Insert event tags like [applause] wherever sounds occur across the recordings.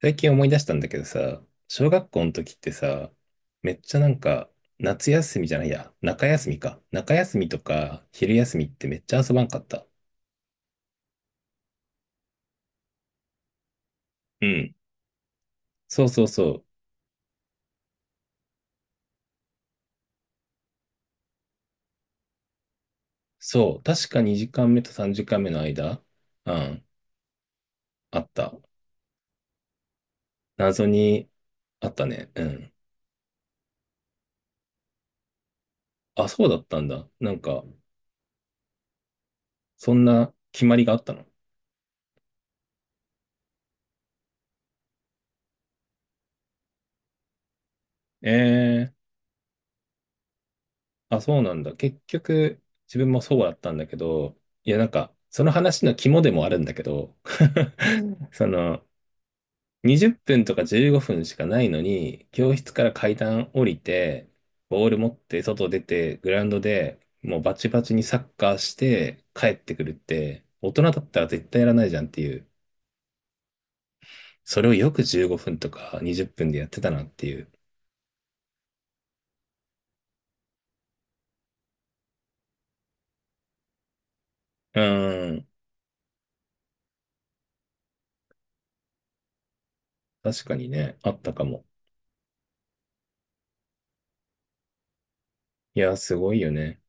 最近思い出したんだけどさ、小学校の時ってさ、めっちゃ夏休みじゃないや、中休みか。中休みとか、昼休みってめっちゃ遊ばんかった。うん。そうそうそう。そう。確か2時間目と3時間目の間、うん、あった。謎にあったね。うん。あ、そうだったんだ。なんか、そんな決まりがあったの。えー、あ、そうなんだ。結局、自分もそうだったんだけど、いや、なんか、その話の肝でもあるんだけど、[laughs] その、20分とか15分しかないのに、教室から階段降りて、ボール持って外出て、グラウンドでもうバチバチにサッカーして帰ってくるって、大人だったら絶対やらないじゃんっていう。それをよく15分とか20分でやってたなっていう。うーん。確かにね、あったかも。いや、すごいよね。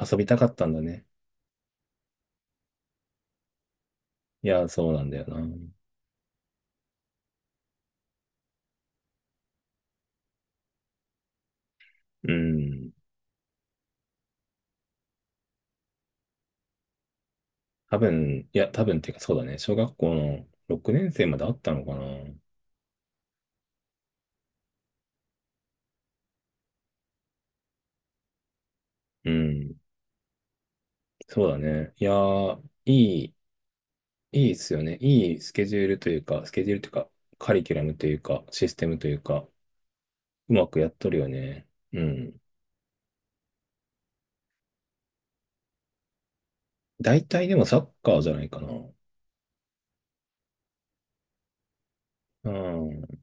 遊びたかったんだね。いや、そうなんだよな。うん。多分っていうかそうだね。小学校の6年生まであったのかな。うん。そうだね。いやー、い、いいっすよね。いいスケジュールというか、スケジュールというか、カリキュラムというか、システムというか、うまくやっとるよね。うん。大体でもサッカーじゃないかな。うん。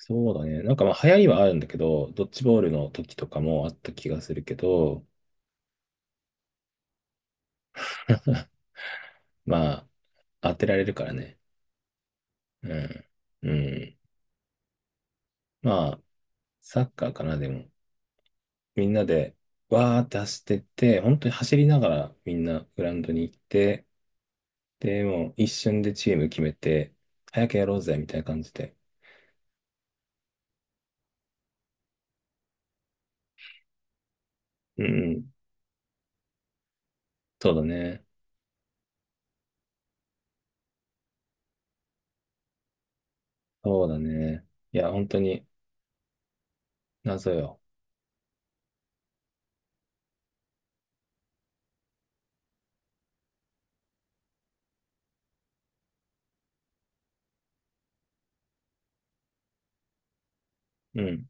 そうだね。なんかまあ流行りはあるんだけど、ドッジボールの時とかもあった気がするけど、[laughs] まあ、当てられるからね。うん。うん。まあ、サッカーかな、でも。みんなで、わーって走ってって、本当に走りながらみんなグラウンドに行って、で、もう一瞬でチーム決めて、早くやろうぜ、みたいな感じで。うんうん。そうだね。そうだね。いや、本当に謎よ。うん。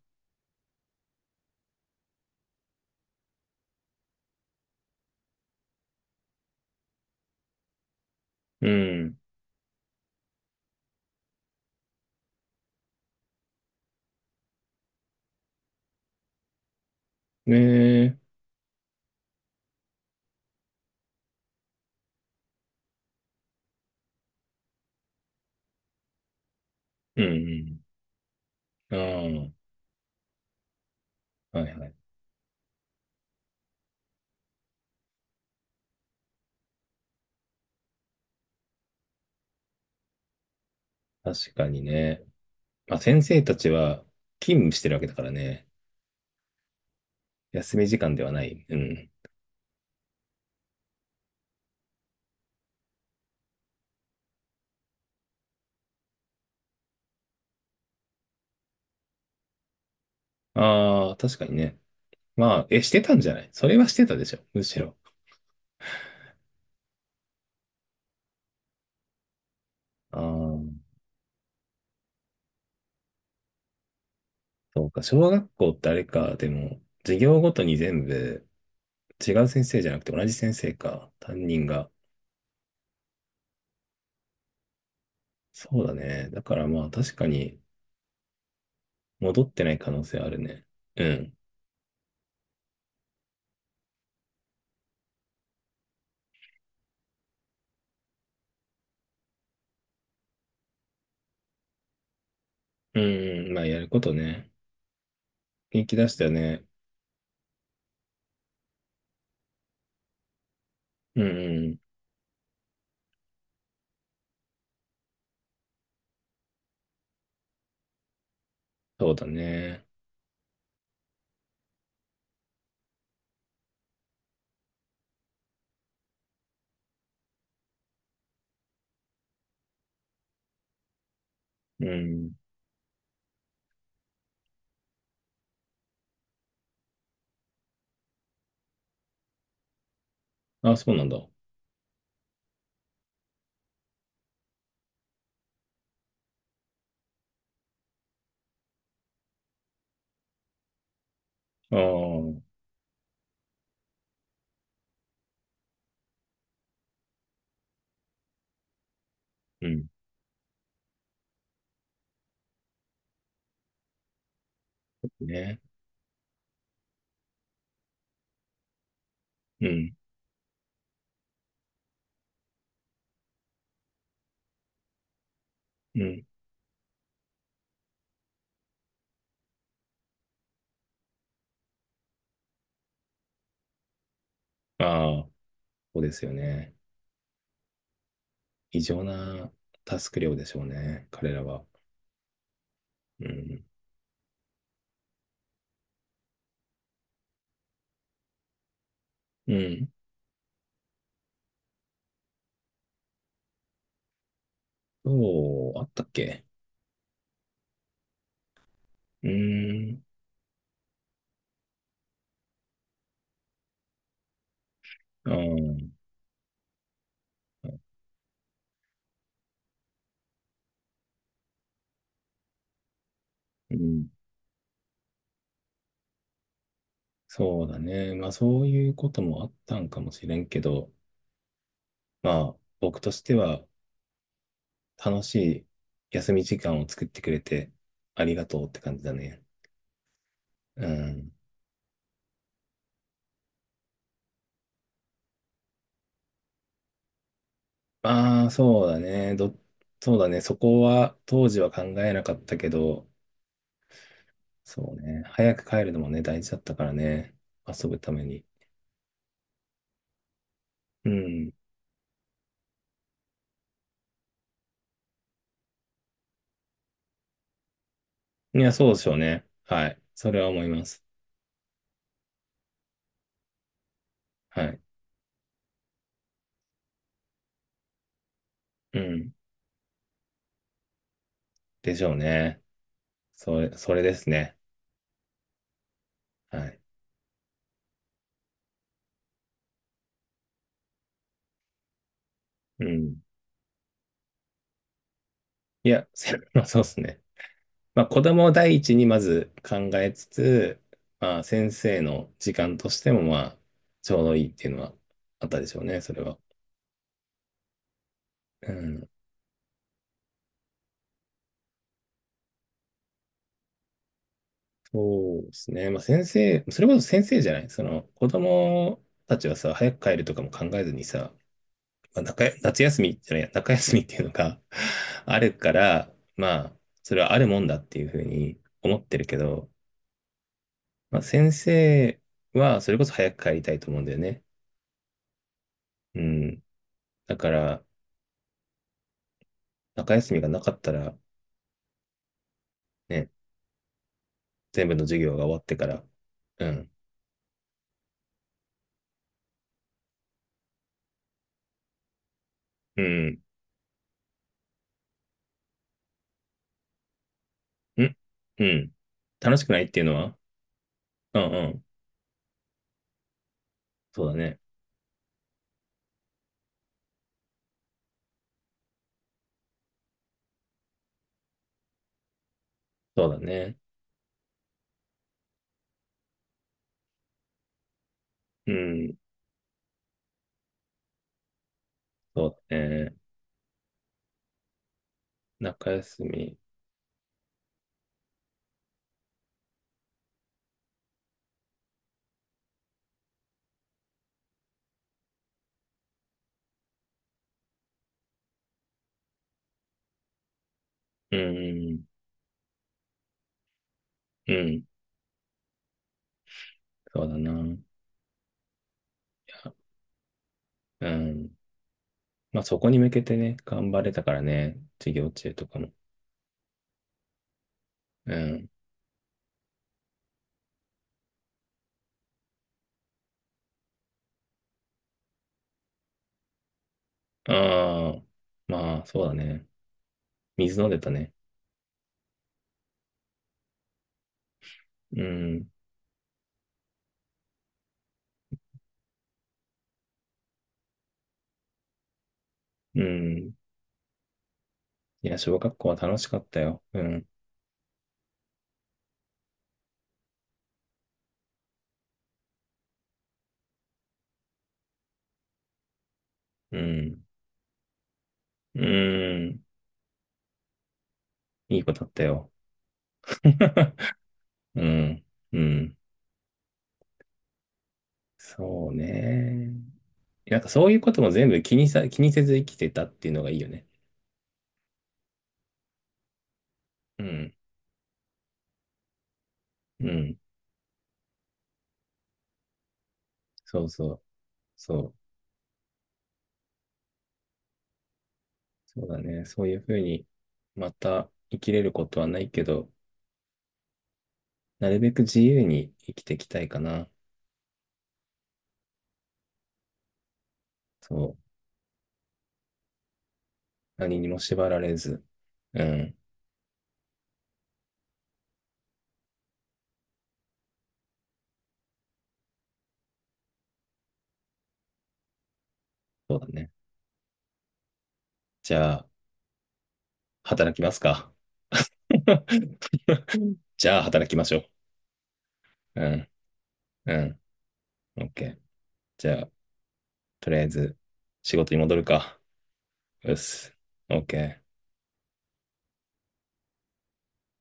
うん。ねえ。うんうん。うんうん、あ、はいはい。確かにね。まあ、先生たちは勤務してるわけだからね。休み時間ではない。うん。ああ、確かにね。まあ、え、してたんじゃない、それはしてたでしょ。むしろ。ああ、そうか。小学校ってあれか。でも、授業ごとに全部違う先生じゃなくて同じ先生か。担任が。そうだね。だからまあ確かに戻ってない可能性あるね。うん。うんうん。まあやることね。元気出したよね。うんうん。そうだね。うん。あ、そうなんだ。ああ、うん。ね。うん。うん。ああ、そうですよね。異常なタスク量でしょうね。彼らは。うん。うん。そう、あったっけ？うーん、うん、うん。そうだね。まあ、そういうこともあったんかもしれんけど、まあ、僕としては楽しい休み時間を作ってくれてありがとうって感じだね。うん。ああ、そうだね。そうだね。そこは当時は考えなかったけど、そうね。早く帰るのもね、大事だったからね。遊ぶために。うん。いや、そうでしょうね。はい。それは思います。はい。うん。でしょうね。それですね。はい。うん。いや、せ [laughs] まあ、そうですね。まあ、子供を第一にまず考えつつ、まあ、先生の時間としても、まあ、ちょうどいいっていうのはあったでしょうね、それは。うん。そうですね。まあ、それこそ先生じゃない。その、子供たちはさ、早く帰るとかも考えずにさ、まあ、夏休みじゃない、中休みっていうのが [laughs] あるから、まあ、それはあるもんだっていうふうに思ってるけど、まあ、先生は、それこそ早く帰りたいと思うんだよね。うん。だから、中休みがなかったら、ね、全部の授業が終わってから、うん、うん、うん、うん。楽しくないっていうのは、うんうん。そうだね。そうだね。うん、そうだね。中休み。うん、うん、そうだな。いや、うん。まあ、そこに向けてね、頑張れたからね、授業中とかも。うん。ああ、まあ、そうだね。水飲んでたね。うん。うん。いや、小学校は楽しかったよ。うん。うん。うん。いいことあったよ。[laughs] うん。うん。そうね。なんかそういうことも全部気にせず生きてたっていうのがいいよね。うん。うん。そうそう。そう。そうだね。そういうふうに、また生きれることはないけど、なるべく自由に生きていきたいかな。そう。何にも縛られず。うん。そうだね。じゃあ、働きますか。[laughs] じゃあ働きましょう。うん、うん、オッケー。じゃあ、とりあえず仕事に戻るか。うっす。オッケー。